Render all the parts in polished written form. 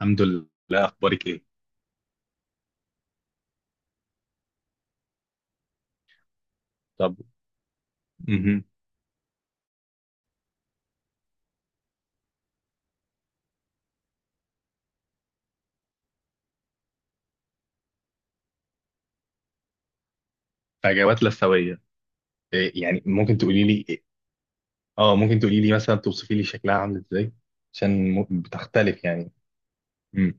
الحمد لله. اخبارك ايه؟ طب. مهم. فجوات لثويه؟ إيه يعني، ممكن تقولي لي إيه؟ اه، ممكن تقولي لي مثلا توصفي لي شكلها عامل ازاي. عشان بتختلف يعني. مم.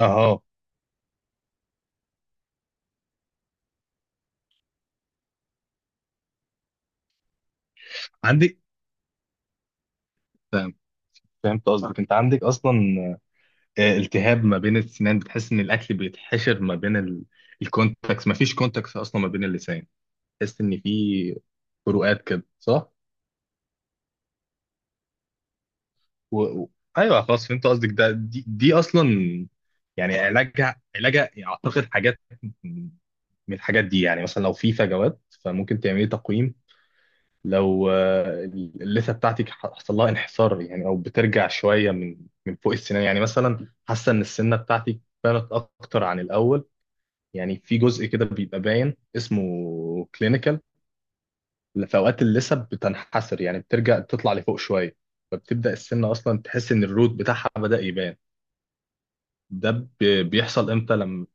اه. عندك. فاهم. فهمت قصدك، انت عندك اصلا التهاب ما بين السنان، بتحس ان الاكل بيتحشر ما بين الكونتاكس. ما فيش كونتاكس اصلا ما بين اللسان، تحس ان في فروقات كده، صح؟ و... و... ايوه خلاص، فهمت قصدك. ده دي اصلا يعني، علاجها اعتقد حاجات من الحاجات دي. يعني مثلا لو في فجوات فممكن تعملي تقويم. لو اللثه بتاعتك حصل لها انحسار يعني، او بترجع شويه من فوق السنان. يعني مثلا حاسه ان السنه بتاعتك بانت اكتر عن الاول، يعني في جزء كده بيبقى باين، اسمه كلينيكال. في اوقات اللثه بتنحسر، يعني بترجع تطلع لفوق شويه، فبتبدا السنه اصلا تحس ان الروت بتاعها بدا يبان. ده بيحصل امتى؟ لما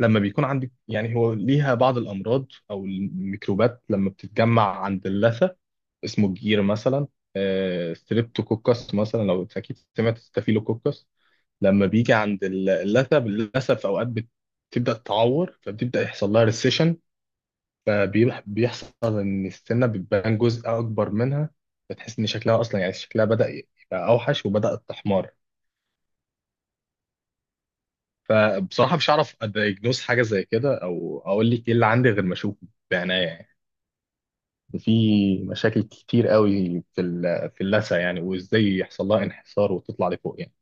بيكون عندك يعني، هو ليها بعض الامراض او الميكروبات لما بتتجمع عند اللثه، اسمه الجير مثلا. ستريبتوكوكس مثلا، لو اكيد سمعت، ستافيلوكوكس. لما بيجي عند اللثه، في اوقات بتبدا تعور، فبتبدا يحصل لها ريسيشن. فبيحصل ان السنه بتبان جزء اكبر منها، بتحس ان شكلها اصلا يعني، شكلها بدا يبقى اوحش وبدات تحمر. فبصراحة مش هعرف اديجنوز حاجة زي كده، او اقول لك ايه اللي عندي غير ما اشوفه بعناية يعني. في مشاكل كتير قوي في في اللثة يعني، وازاي يحصل لها انحسار وتطلع لفوق يعني.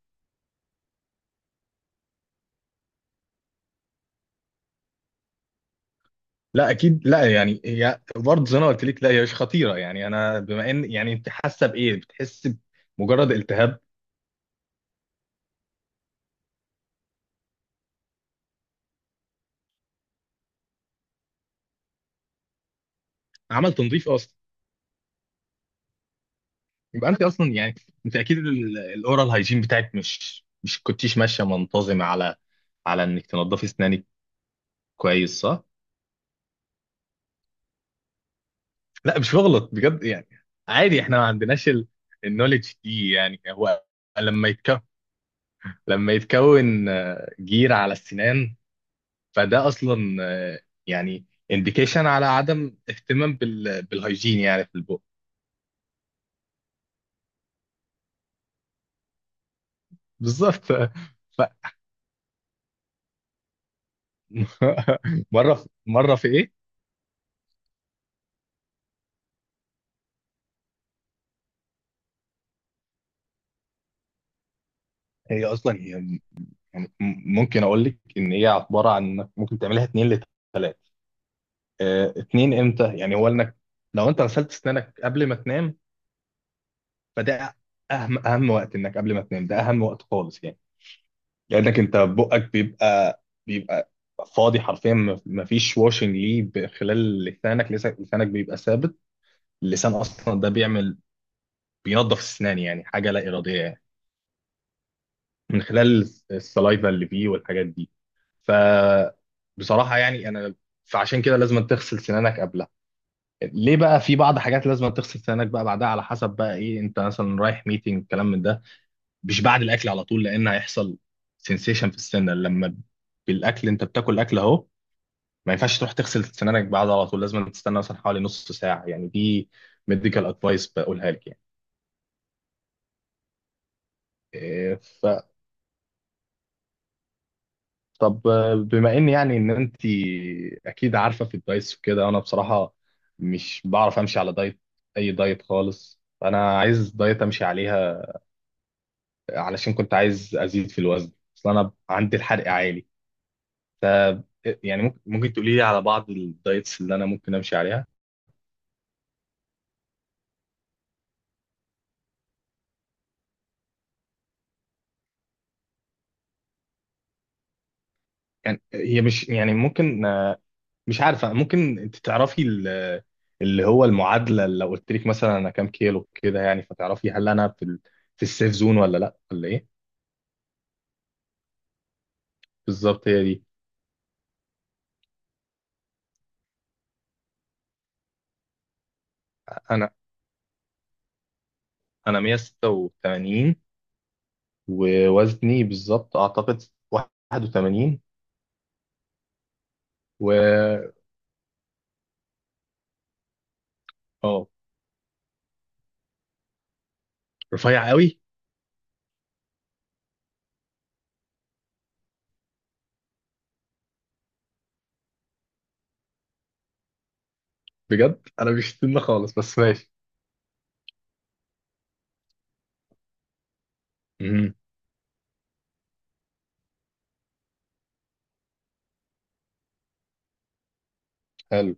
لا اكيد لا، يعني هي برضه زي ما قلت لك، لا هي مش خطيرة يعني. انا بما ان يعني انت حاسة بايه، بتحس بمجرد التهاب. عمل تنظيف اصلا؟ يبقى انت اصلا يعني، انت اكيد الاورال هايجين بتاعك مش كنتيش ماشية منتظمة على انك تنضفي اسنانك كويس، صح؟ لا مش بغلط، بجد يعني، عادي احنا ما عندناش النوليدج دي يعني. هو لما يتكون، جير على السنان، فده اصلا يعني انديكيشن على عدم اهتمام بالهيجين يعني، في البق. بالظبط. ف... مره في ايه؟ هي اصلا هي يعني ممكن اقول لك ان هي عباره عن إنك ممكن تعملها اتنين لتلاتة. اه، اتنين امتى يعني؟ هو انك لو انت غسلت اسنانك قبل ما تنام، فده اهم وقت، انك قبل ما تنام ده اهم وقت خالص يعني. لانك انت بقك بيبقى فاضي حرفيا، ما فيش واشنج ليه خلال لسانك. لسانك بيبقى ثابت. اللسان اصلا ده بيعمل، بينظف السنان يعني، حاجه لا اراديه يعني، من خلال السلايفا اللي فيه والحاجات دي. ف بصراحه يعني انا، فعشان كده لازم تغسل سنانك قبلها. ليه بقى؟ في بعض حاجات لازم تغسل سنانك بقى بعدها، على حسب بقى ايه. انت مثلا رايح ميتنج كلام من ده، مش بعد الاكل على طول، لان هيحصل سنسيشن في السنه لما بالاكل، انت بتاكل اكل اهو، ما ينفعش تروح تغسل سنانك بعد على طول. لازم تستنى مثلا حوالي نص ساعه يعني، دي ميديكال ادفايس بقولها لك يعني. إيه، ف طب بما ان يعني ان انت اكيد عارفه في الدايتس وكده، انا بصراحه مش بعرف امشي على دايت، اي دايت خالص. انا عايز دايت امشي عليها، علشان كنت عايز ازيد في الوزن، اصل انا عندي الحرق عالي. ف يعني ممكن تقولي لي على بعض الدايتس اللي انا ممكن امشي عليها. يعني هي مش يعني، ممكن مش عارفه، ممكن انت تعرفي اللي هو المعادله. لو قلت لك مثلا انا كام كيلو كده يعني، فتعرفي هل انا في في السيف زون ولا لا ولا ايه. بالظبط هي دي. انا انا 186، ووزني بالظبط اعتقد 81. و اه. رفيع قوي؟ بجد انا مش سنة خالص، بس ماشي. امم. حلو.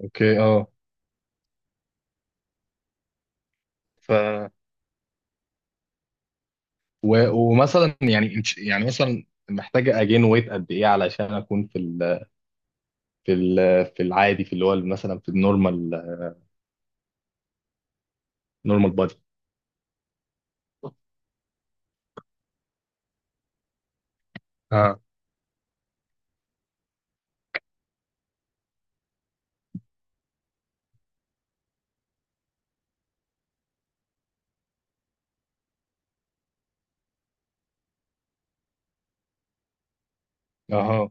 اوكي، اه. ف ومثلا يعني يعني مثلا محتاجة اجين ويت قد ايه علشان اكون في في ال في العادي، في اللي هو مثلا في النورمال، نورمال بادي. اه، اهو.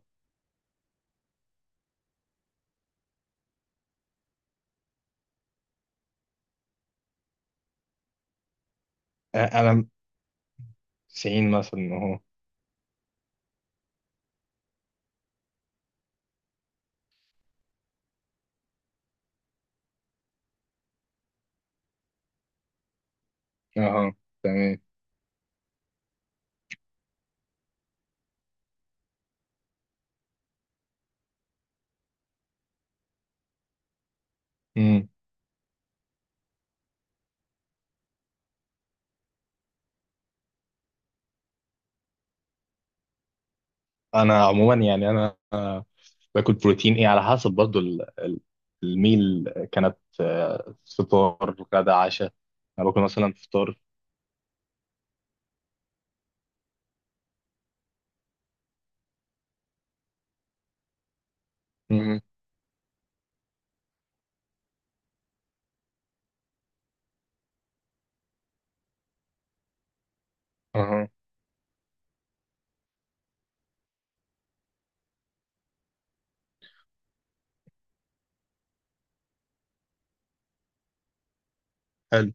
انا 90 مثلا اهو. اهو. تمام. مم. انا عموما يعني، انا باكل بروتين، ايه على حسب برضو الميل كانت، فطار، غدا، عشاء. انا باكل مثلا فطار. مم. اهو. حلو.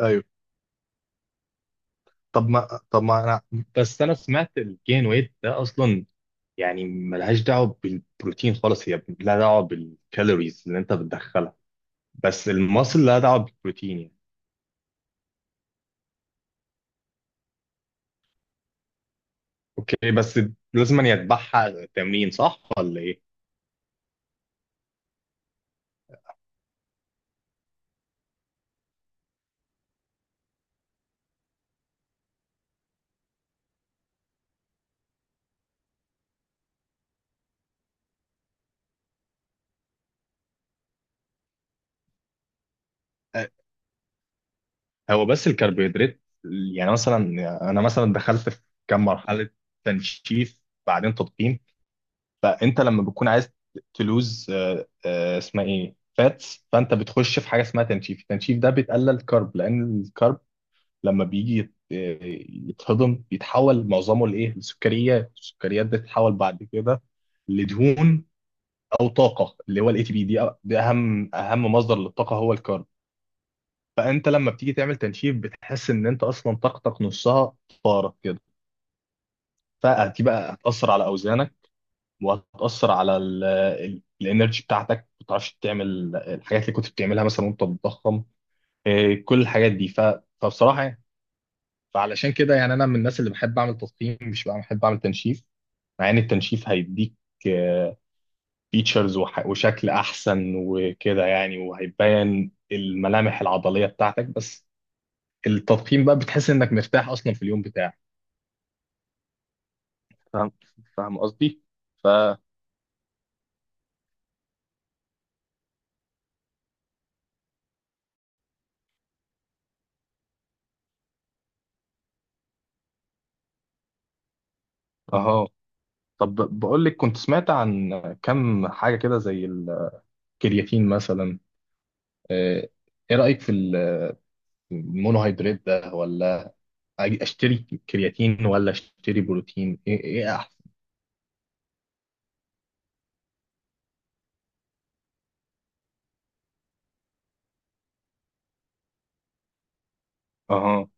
ايوه. طب ما انا، بس انا سمعت الجين ويت ده اصلا يعني ملهاش دعوه بالبروتين خالص، هي لها دعوه بالكالوريز اللي انت بتدخلها، بس المصل لها دعوه بالبروتين يعني. اوكي، بس لازم أن يتبعها تمرين، صح ولا ايه؟ أه، هو بس الكربوهيدرات يعني مثلا، انا مثلا دخلت في كام مرحله، تنشيف بعدين تضخيم. فانت لما بتكون عايز تلوز اسمها ايه، فاتس، فانت بتخش في حاجه اسمها تنشيف. التنشيف ده بيتقلل كارب، لان الكارب لما بيجي يتهضم، بيتحول معظمه لايه؟ لسكريات. السكريات بتتحول بعد كده لدهون، او طاقه، اللي هو الاي تي بي. ده اهم مصدر للطاقه، هو الكارب. فانت لما بتيجي تعمل تنشيف، بتحس ان انت اصلا طاقتك نصها طارت كده، فدي بقى هتاثر على اوزانك، وهتأثر على الانرجي بتاعتك، ما بتعرفش تعمل الحاجات اللي كنت بتعملها مثلا وانت بتضخم. كل الحاجات دي. فبصراحة يعني، فعلشان كده يعني انا من الناس اللي بحب اعمل تضخيم، مش بقى بحب اعمل تنشيف. مع ان التنشيف هيديك فيتشرز وشكل احسن وكده يعني، وهيبين الملامح العضلية بتاعتك، بس التضخيم بقى بتحس انك مرتاح اصلا في اليوم بتاعك. فاهم. فاهم قصدي؟ ف اهو. طب بقول لك، كنت سمعت عن كم حاجة كده، زي الكرياتين مثلا. آه، ايه رأيك في المونوهيدرات ده؟ ولا أجي اشتري كرياتين ولا اشتري بروتين؟ ايه ايه احسن؟ اها.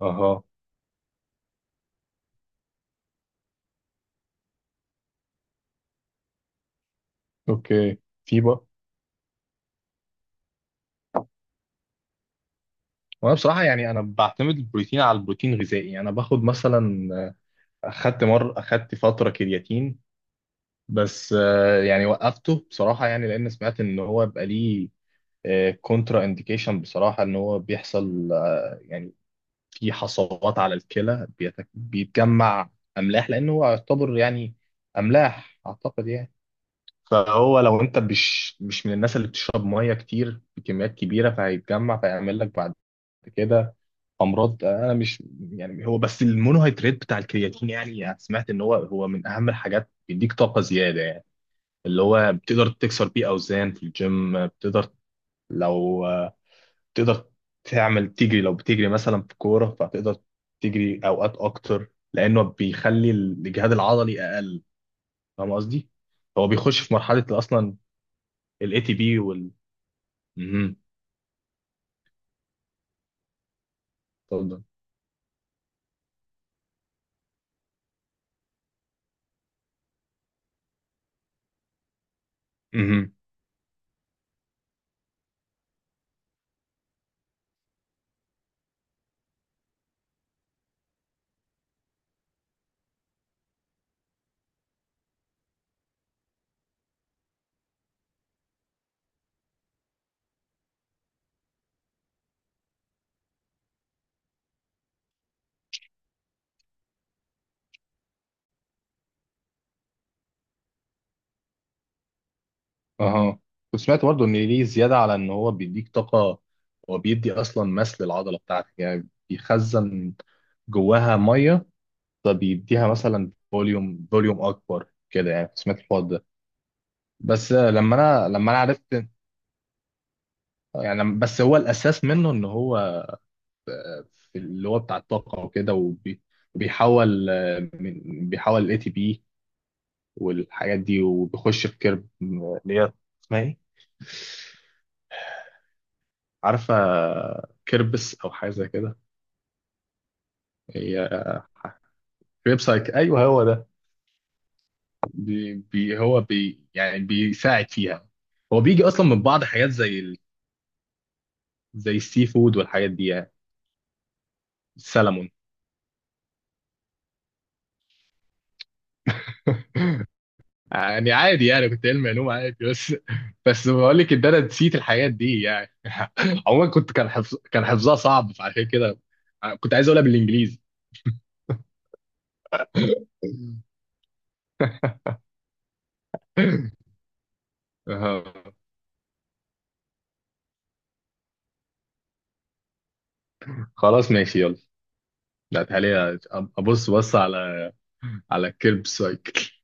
اها. اوكي. في بقى. وانا بصراحة يعني، انا بعتمد البروتين على البروتين الغذائي. انا باخد مثلا اخدت فترة كرياتين، بس يعني وقفته بصراحة يعني، لان سمعت ان هو بقى ليه كونترا انديكيشن بصراحة. ان هو بيحصل يعني في حصوات على الكلى، بيتجمع املاح، لانه هو يعتبر يعني املاح اعتقد يعني. فهو لو انت مش من الناس اللي بتشرب ميه كتير بكميات كبيره، فهيتجمع فيعمل لك بعد كده امراض. انا مش يعني. هو بس المونوهيدرات بتاع الكرياتين يعني، سمعت ان هو من اهم الحاجات، بيديك طاقه زياده يعني، اللي هو بتقدر تكسر بيه اوزان في الجيم. بتقدر لو تقدر تعمل تجري، لو بتجري مثلا في كورة، فتقدر تجري أوقات أكتر، لأنه بيخلي الإجهاد العضلي أقل. فاهم قصدي؟ هو بيخش في مرحلة أصلا، ال ATP وال... مهم. اتفضل. مهم. أها. وسمعت برضه إن ليه زيادة على إن هو بيديك طاقة، هو بيدي أصلا مس للعضلة بتاعتك، يعني بيخزن جواها مية. فبيديها مثلا فوليوم، أكبر كده يعني. سمعت الحوار ده. بس لما انا عرفت يعني، بس هو الاساس منه ان هو في اللي هو بتاع الطاقه وكده، وبيحول بيحول الاي تي بي والحاجات دي. وبيخش في كيرب اللي هي اسمها ايه؟ عارفه، كيربس او حاجه زي كده. هي ويب سايت، ايوه هو ده. بي بي هو بي يعني بيساعد فيها. هو بيجي اصلا من بعض حاجات زي زي السي فود والحاجات دي يعني. السلمون. يعني عادي، يعني كنت علمي علوم عادي، بس بس بقول لك ان انا نسيت الحاجات دي يعني. عموما، كنت كان حفظها صعب، فعشان كده كنت عايز اقولها بالانجليزي. آه. خلاص ماشي يلا. لا تعالي، ابص، على الكلب سايكل.